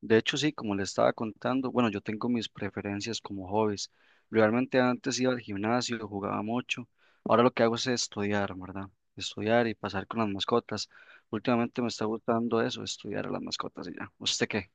De hecho, sí, como le estaba contando, bueno, yo tengo mis preferencias como hobbies. Realmente antes iba al gimnasio, jugaba mucho. Ahora lo que hago es estudiar, ¿verdad? Estudiar y pasar con las mascotas. Últimamente me está gustando eso, estudiar a las mascotas y ya. ¿Usted qué?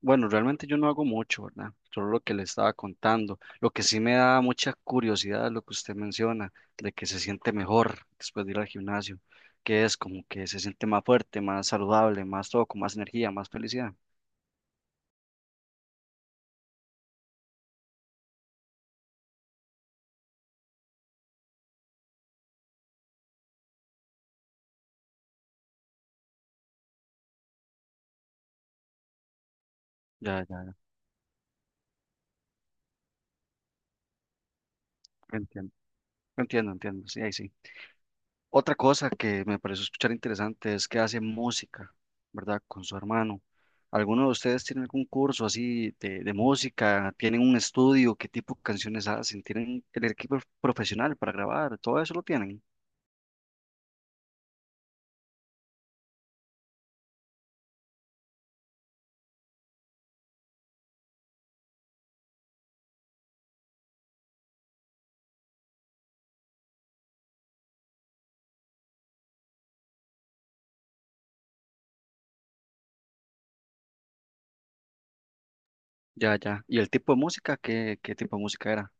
Bueno, realmente yo no hago mucho, ¿verdad? Solo lo que le estaba contando. Lo que sí me da mucha curiosidad es lo que usted menciona, de que se siente mejor después de ir al gimnasio, que es como que se siente más fuerte, más saludable, más todo, con más energía, más felicidad. Ya, ya. Entiendo, entiendo, entiendo, sí, ahí sí. Otra cosa que me pareció escuchar interesante es que hace música, ¿verdad? Con su hermano. ¿Alguno de ustedes tiene algún curso así de música? ¿Tienen un estudio? ¿Qué tipo de canciones hacen? ¿Tienen el equipo profesional para grabar? ¿Todo eso lo tienen? Ya, ya. ¿Y el tipo de música? ¿Qué, qué tipo de música era?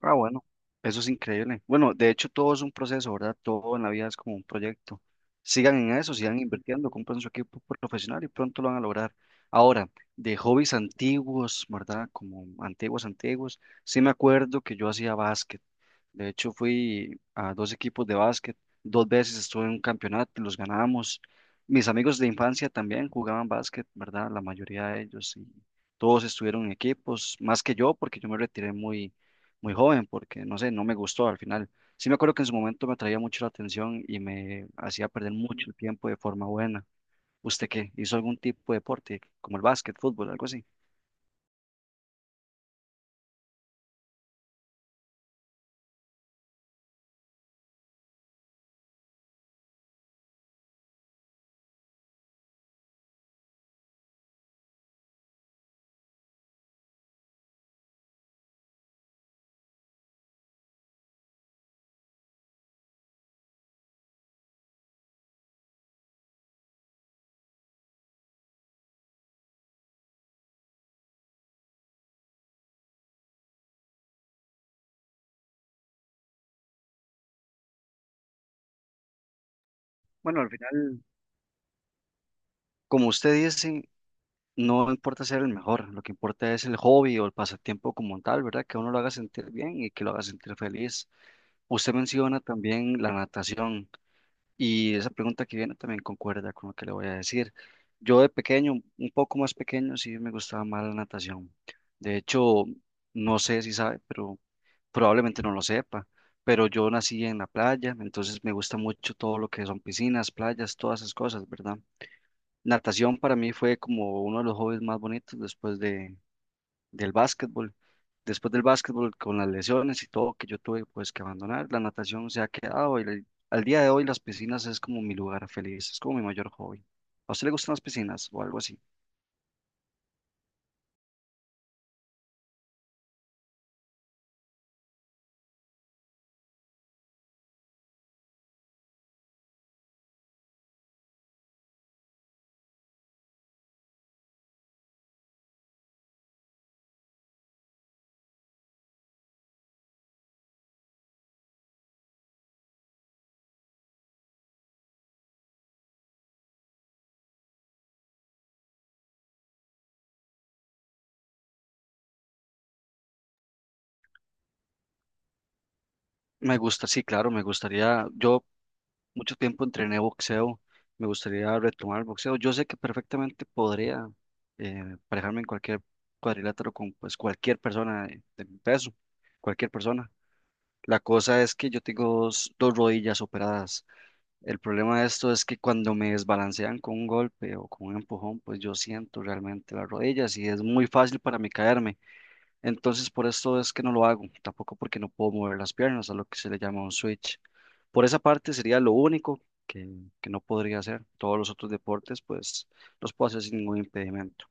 Ah, bueno, eso es increíble. Bueno, de hecho todo es un proceso, ¿verdad? Todo en la vida es como un proyecto. Sigan en eso, sigan invirtiendo, compren su equipo profesional y pronto lo van a lograr. Ahora, de hobbies antiguos, ¿verdad? Como antiguos, antiguos. Sí me acuerdo que yo hacía básquet. De hecho, fui a dos equipos de básquet, dos veces estuve en un campeonato y los ganamos. Mis amigos de infancia también jugaban básquet, ¿verdad? La mayoría de ellos y todos estuvieron en equipos, más que yo, porque yo me retiré muy, muy joven, porque no sé, no me gustó al final. Sí me acuerdo que en su momento me atraía mucho la atención y me hacía perder mucho el tiempo de forma buena. ¿Usted qué? ¿Hizo algún tipo de deporte, como el básquet, fútbol, algo así? Bueno, al final, como usted dice, no importa ser el mejor, lo que importa es el hobby o el pasatiempo como tal, ¿verdad? Que uno lo haga sentir bien y que lo haga sentir feliz. Usted menciona también la natación y esa pregunta que viene también concuerda con lo que le voy a decir. Yo de pequeño, un poco más pequeño, sí me gustaba más la natación. De hecho, no sé si sabe, pero probablemente no lo sepa, pero yo nací en la playa, entonces me gusta mucho todo lo que son piscinas, playas, todas esas cosas, ¿verdad? Natación para mí fue como uno de los hobbies más bonitos después de, del básquetbol. Después del básquetbol, con las lesiones y todo que yo tuve, pues que abandonar, la natación se ha quedado y al día de hoy las piscinas es como mi lugar feliz, es como mi mayor hobby. ¿A usted le gustan las piscinas o algo así? Me gusta, sí, claro, me gustaría, yo mucho tiempo entrené boxeo, me gustaría retomar el boxeo. Yo sé que perfectamente podría parejarme en cualquier cuadrilátero con pues cualquier persona de mi peso, cualquier persona. La cosa es que yo tengo dos rodillas operadas. El problema de esto es que cuando me desbalancean con un golpe o con un empujón, pues yo siento realmente las rodillas y es muy fácil para mí caerme. Entonces por esto es que no lo hago, tampoco porque no puedo mover las piernas, a lo que se le llama un switch. Por esa parte sería lo único que, que no podría hacer. Todos los otros deportes, pues los puedo hacer sin ningún impedimento.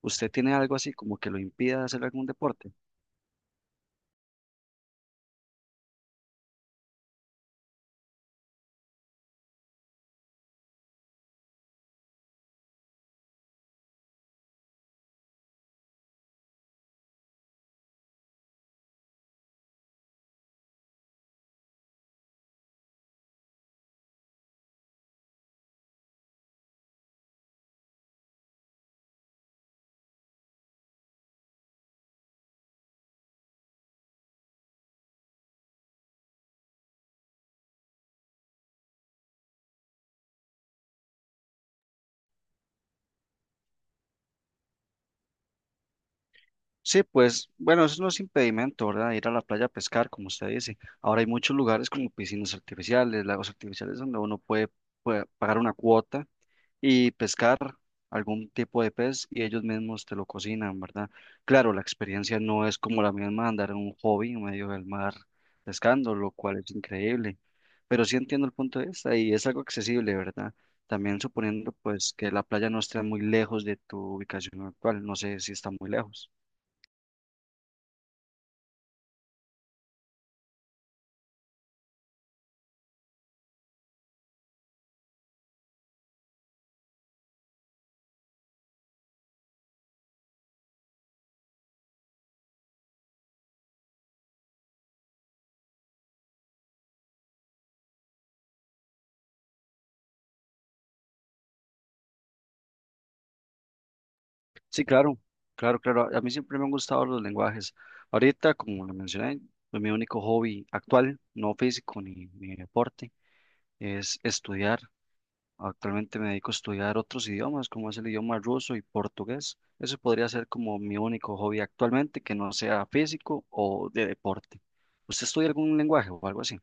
¿Usted tiene algo así como que lo impida hacer algún deporte? Sí, pues bueno, eso no es impedimento, ¿verdad? Ir a la playa a pescar, como usted dice. Ahora hay muchos lugares como piscinas artificiales, lagos artificiales, donde uno puede, puede pagar una cuota y pescar algún tipo de pez y ellos mismos te lo cocinan, ¿verdad? Claro, la experiencia no es como la misma andar en un hobby en medio del mar pescando, lo cual es increíble. Pero sí entiendo el punto de vista y es algo accesible, ¿verdad? También suponiendo pues que la playa no esté muy lejos de tu ubicación actual, no sé si está muy lejos. Sí, claro, claro, claro. A mí siempre me han gustado los lenguajes. Ahorita, como le mencioné, pues, mi único hobby actual, no físico ni deporte, es estudiar. Actualmente me dedico a estudiar otros idiomas, como es el idioma ruso y portugués. Eso podría ser como mi único hobby actualmente, que no sea físico o de deporte. ¿Usted estudia algún lenguaje o algo así?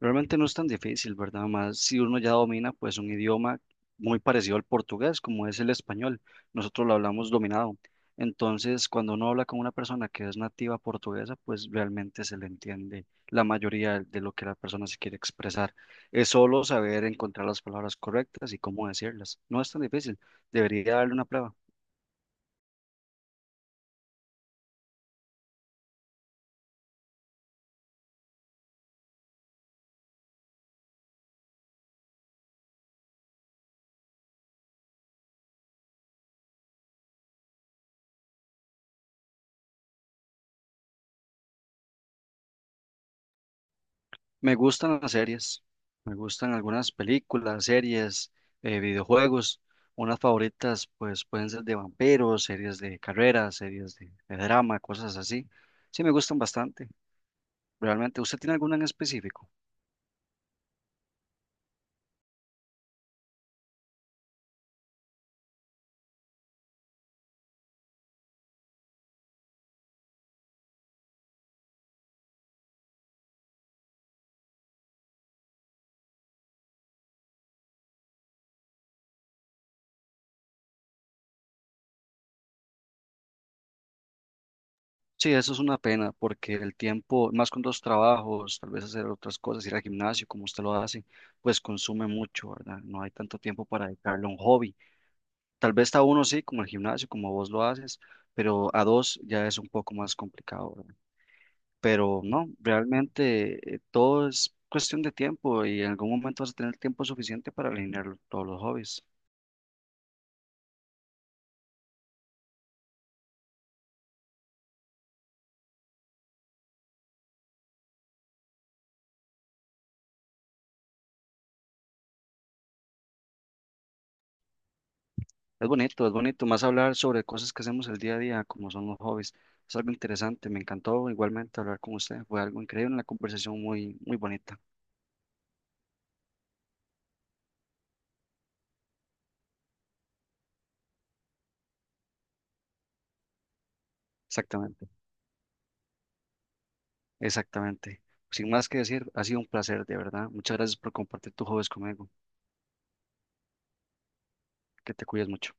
Realmente no es tan difícil, ¿verdad? Más si uno ya domina pues un idioma muy parecido al portugués, como es el español. Nosotros lo hablamos dominado. Entonces, cuando uno habla con una persona que es nativa portuguesa, pues realmente se le entiende la mayoría de lo que la persona se quiere expresar. Es solo saber encontrar las palabras correctas y cómo decirlas. No es tan difícil. Debería darle una prueba. Me gustan las series, me gustan algunas películas, series, videojuegos. Unas favoritas pues pueden ser de vampiros, series de carreras, series de drama, cosas así. Sí, me gustan bastante, realmente. ¿Usted tiene alguna en específico? Sí, eso es una pena porque el tiempo, más con dos trabajos, tal vez hacer otras cosas, ir al gimnasio como usted lo hace, pues consume mucho, ¿verdad? No hay tanto tiempo para dedicarle a un hobby. Tal vez a uno sí, como el gimnasio, como vos lo haces, pero a dos ya es un poco más complicado, ¿verdad? Pero no, realmente todo es cuestión de tiempo y en algún momento vas a tener tiempo suficiente para alinear todos los hobbies. Es bonito más hablar sobre cosas que hacemos el día a día, como son los hobbies. Es algo interesante, me encantó igualmente hablar con usted, fue algo increíble, una conversación muy, muy bonita. Exactamente, exactamente. Sin más que decir, ha sido un placer, de verdad. Muchas gracias por compartir tus hobbies conmigo. Que te cuides mucho.